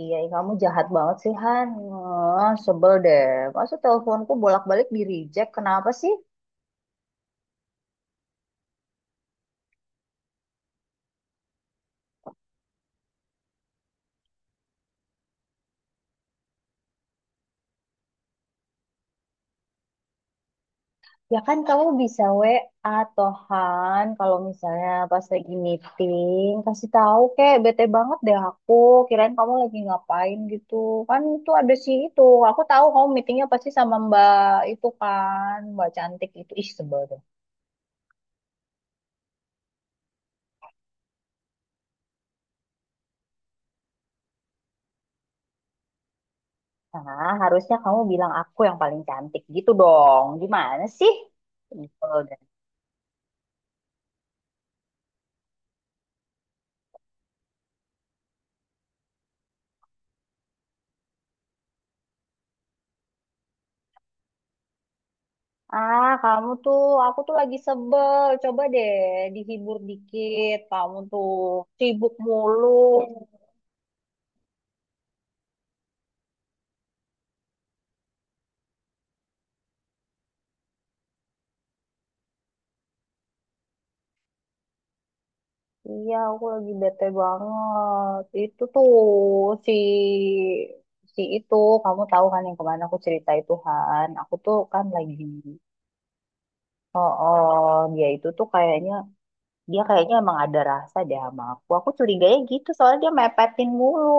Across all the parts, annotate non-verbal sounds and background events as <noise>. Iya, ih, kamu jahat banget sih, Han. Ah, sebel deh. Masa teleponku bolak-balik di reject? Kenapa sih? Ya kan kamu bisa WA toh, Han. Kalau misalnya pas lagi meeting, kasih tahu kek. Bete banget deh aku. Kirain kamu lagi ngapain gitu. Kan itu ada sih itu. Aku tahu kamu meetingnya pasti sama Mbak itu kan. Mbak cantik itu. Ih, sebel deh. Nah, harusnya kamu bilang aku yang paling cantik gitu dong. Gimana sih? Sebel deh. Ah, kamu tuh, aku tuh lagi sebel. Coba deh dihibur dikit. Kamu tuh sibuk mulu. Iya, aku lagi bete banget. Itu tuh si si itu, kamu tahu kan yang kemana aku cerita itu Han. Aku tuh kan lagi. Oh, oh, dia itu tuh kayaknya dia kayaknya emang ada rasa deh sama aku. Aku curiganya gitu soalnya dia mepetin mulu.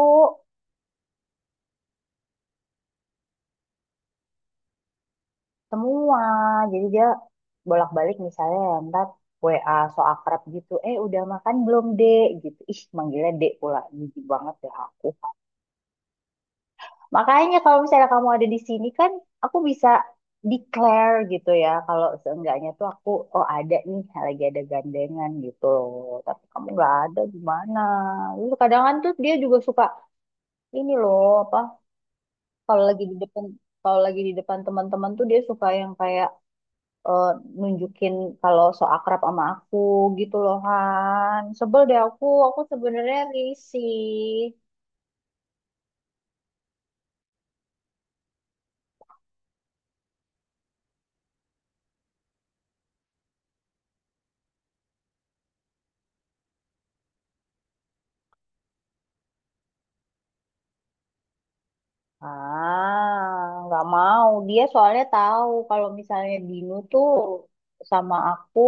Semua, jadi dia bolak-balik misalnya ya, ntar WA so akrab gitu, eh, udah makan belum dek gitu, ih manggilnya dek pula, jijik banget deh aku. Makanya kalau misalnya kamu ada di sini kan aku bisa declare gitu ya kalau seenggaknya tuh aku, oh ada nih lagi ada gandengan gitu loh, tapi kamu nggak ada gimana. Lalu kadang kan tuh dia juga suka ini loh apa, kalau lagi di depan kalau lagi di depan teman-teman tuh dia suka yang kayak, eh, nunjukin kalau so akrab sama aku gitu loh Han. Sebel deh aku sebenarnya risih. Ah, nggak mau. Dia soalnya tahu kalau misalnya Binu tuh sama aku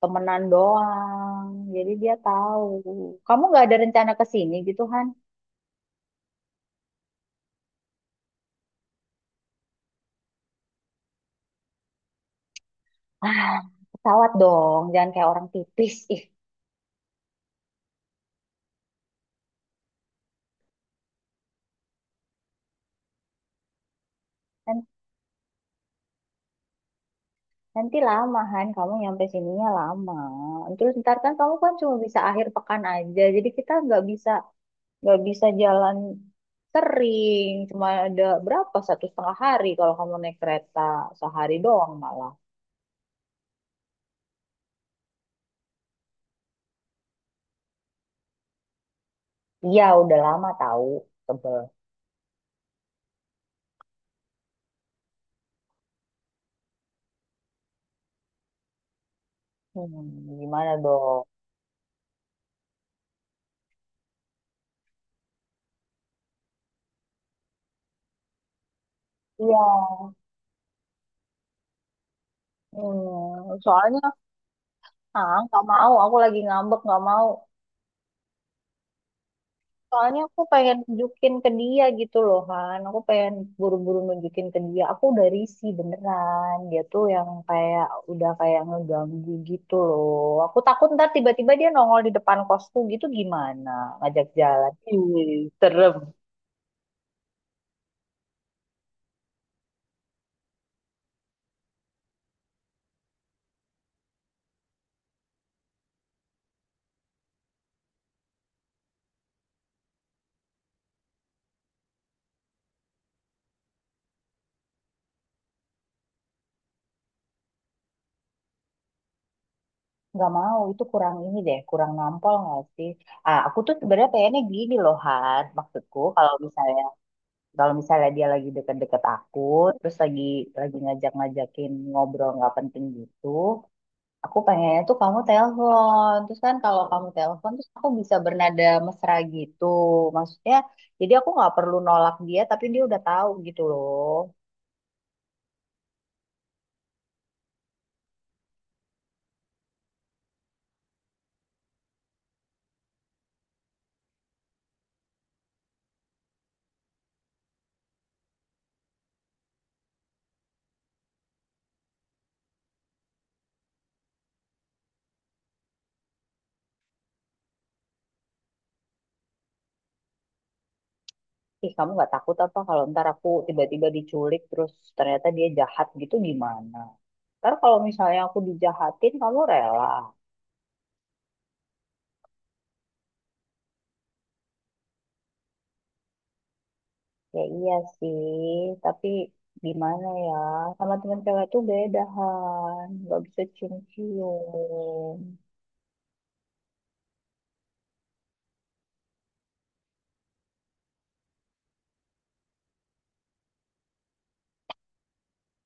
temenan doang. Jadi dia tahu. Kamu nggak ada rencana ke sini gitu Han? Ah, pesawat dong. Jangan kayak orang tipis. Ih, kan Nanti lama Han, kamu nyampe sininya lama. Terus ntar kan kamu kan cuma bisa akhir pekan aja, jadi kita nggak bisa jalan sering. Cuma ada berapa 1,5 hari kalau kamu naik kereta, sehari doang malah. Iya, udah lama tahu tebel. Hmm, gimana dong? Iya, soalnya ah, nggak mau, aku lagi ngambek nggak mau. Soalnya aku pengen nunjukin ke dia gitu loh Han. Aku pengen buru-buru nunjukin ke dia. Aku udah risih beneran. Dia tuh yang kayak udah kayak ngeganggu gitu loh. Aku takut ntar tiba-tiba dia nongol di depan kosku gitu gimana ngajak jalan. Ih, serem. Nggak mau, itu kurang ini deh, kurang nampol nggak sih? Ah, aku tuh sebenarnya pengennya gini loh, Han. Maksudku kalau misalnya dia lagi deket-deket aku, terus lagi ngajak-ngajakin ngobrol nggak penting gitu, aku pengennya tuh kamu telepon. Terus kan kalau kamu telepon terus aku bisa bernada mesra gitu. Maksudnya jadi aku nggak perlu nolak dia tapi dia udah tahu gitu loh. Ih, kamu nggak takut apa kalau ntar aku tiba-tiba diculik terus ternyata dia jahat gitu gimana? Ntar kalau misalnya aku dijahatin kamu rela. Ya iya sih, tapi gimana ya? Sama teman cewek tuh beda, Han. Nggak bisa cium-cium.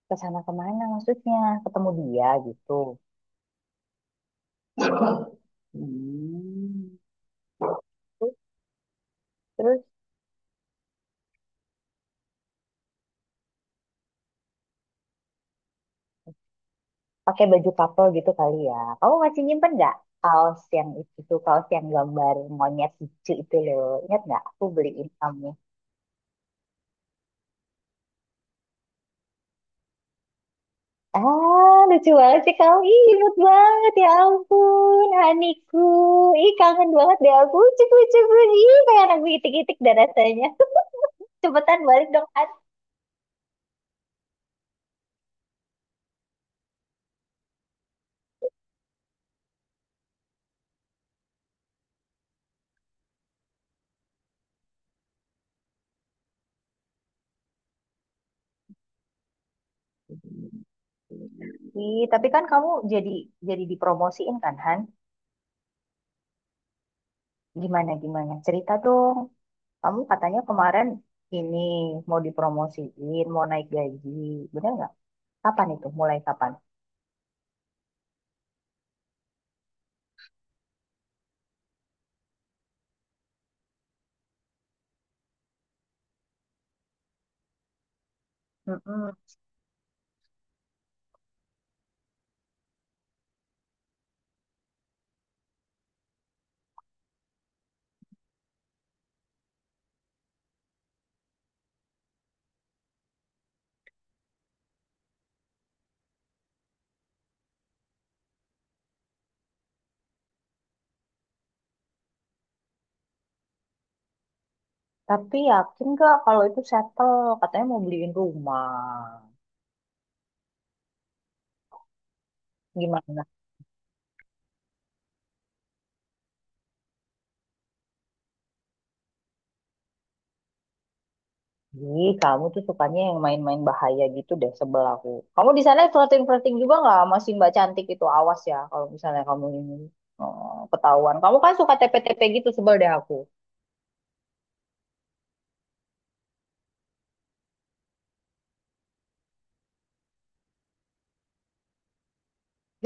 Ke sana kemana maksudnya, ketemu dia gitu? Hmm, terus pakai baju couple gitu kali ya. Kamu masih nyimpen nggak kaos yang itu tuh, kaos yang gambar monyet lucu itu loh, ingat nggak aku beliin kamu? Ah, lucu banget sih kamu, ih imut banget, ya ampun haniku. Ih, kangen banget deh aku, lucu lucu. Ih, kayak aku itik-itik dah rasanya. <laughs> Cepetan balik dong Han. Ih, tapi kan kamu jadi dipromosiin kan, Han? Gimana, gimana? Cerita dong. Kamu katanya kemarin ini mau dipromosiin, mau naik gaji. Bener nggak? Kapan itu? Mulai kapan? Mm-mm. Tapi yakin nggak kalau itu settle? Katanya mau beliin rumah. Gimana sih? Kamu tuh sukanya yang main-main bahaya gitu deh, sebel aku. Kamu di sana flirting-flirting juga nggak sama si Mbak Cantik itu? Awas ya kalau misalnya kamu ini, oh, ketahuan. Kamu kan suka TP-TP gitu, sebel deh aku.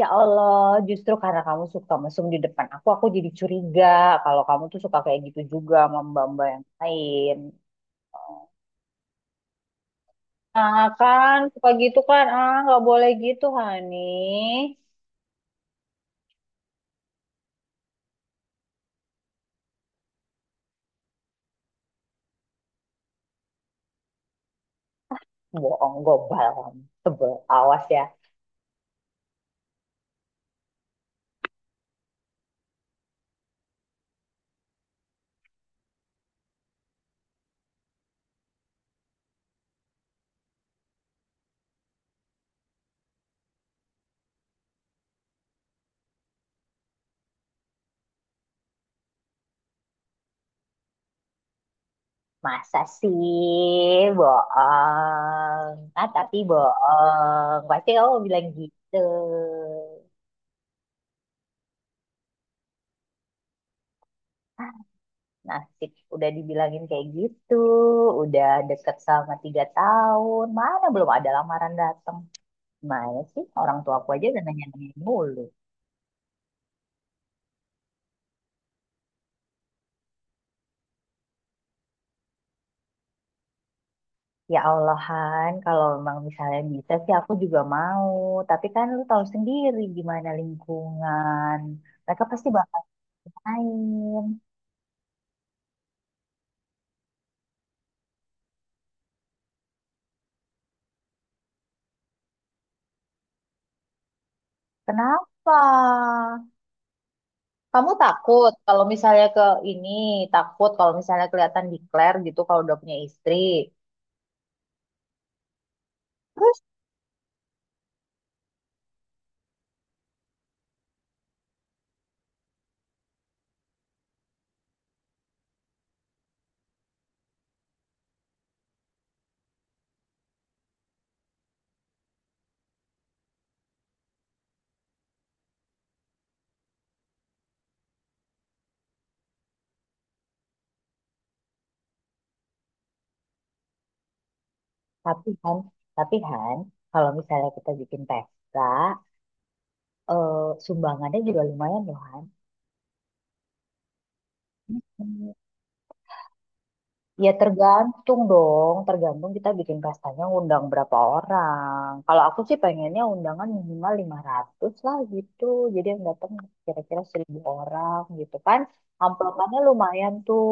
Ya Allah, justru karena kamu suka mesum di depan aku jadi curiga kalau kamu tuh suka kayak gitu juga sama mbak-mbak yang lain. Ah kan, suka gitu kan, ah nggak boleh gitu, Hani. Bohong, gobal kamu. Sebel, awas ya. Masa sih, bohong. Ah, tapi bohong. Pasti kamu bilang gitu. Nasib udah dibilangin kayak gitu, udah deket sama 3 tahun, mana belum ada lamaran datang. Mana sih orang tua aku aja udah nanya-nanya mulu. Ya Allah Han, kalau memang misalnya bisa sih aku juga mau. Tapi kan lu tahu sendiri gimana lingkungan. Mereka pasti bakal main. Kenapa? Kamu takut kalau misalnya ke ini, takut kalau misalnya kelihatan declare gitu kalau udah punya istri. Tapi kan, tapi Han, kalau misalnya kita bikin pesta, eh, sumbangannya juga lumayan loh Han. Hmm. Ya tergantung dong, tergantung kita bikin pestanya undang berapa orang. Kalau aku sih pengennya undangan minimal 500 lah gitu. Jadi yang datang kira-kira 1.000 orang gitu kan. Amplopannya lumayan tuh.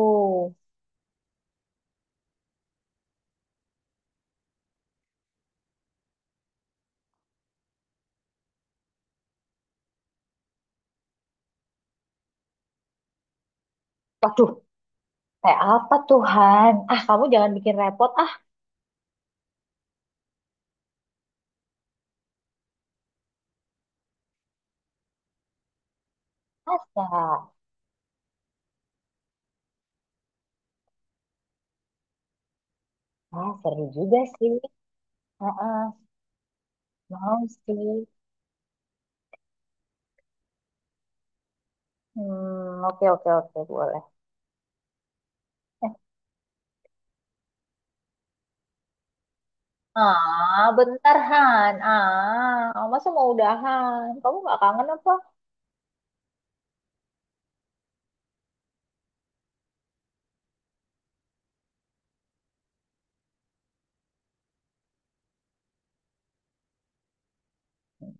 Waduh, kayak apa Tuhan? Ah, kamu jangan bikin repot. Ah, masa? Ah, seru juga sih. Heeh, mau sih. Hmm, oke oke oke boleh. Eh, ah, bentar Han. Ah, masa mau udahan? Kamu nggak kangen apa?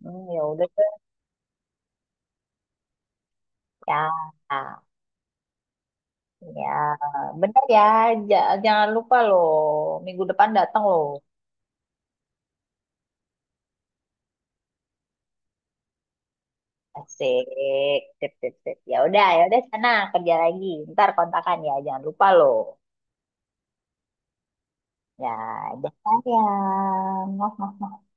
Hmm, ya udah deh. Ya, ya, bentar ya. Jangan lupa loh. Minggu depan datang loh. Asik, sip sip sip. Ya udah sana kerja lagi. Ntar kontakan ya. Jangan lupa loh. Ya, udah sayang. Maaf, maaf, maaf.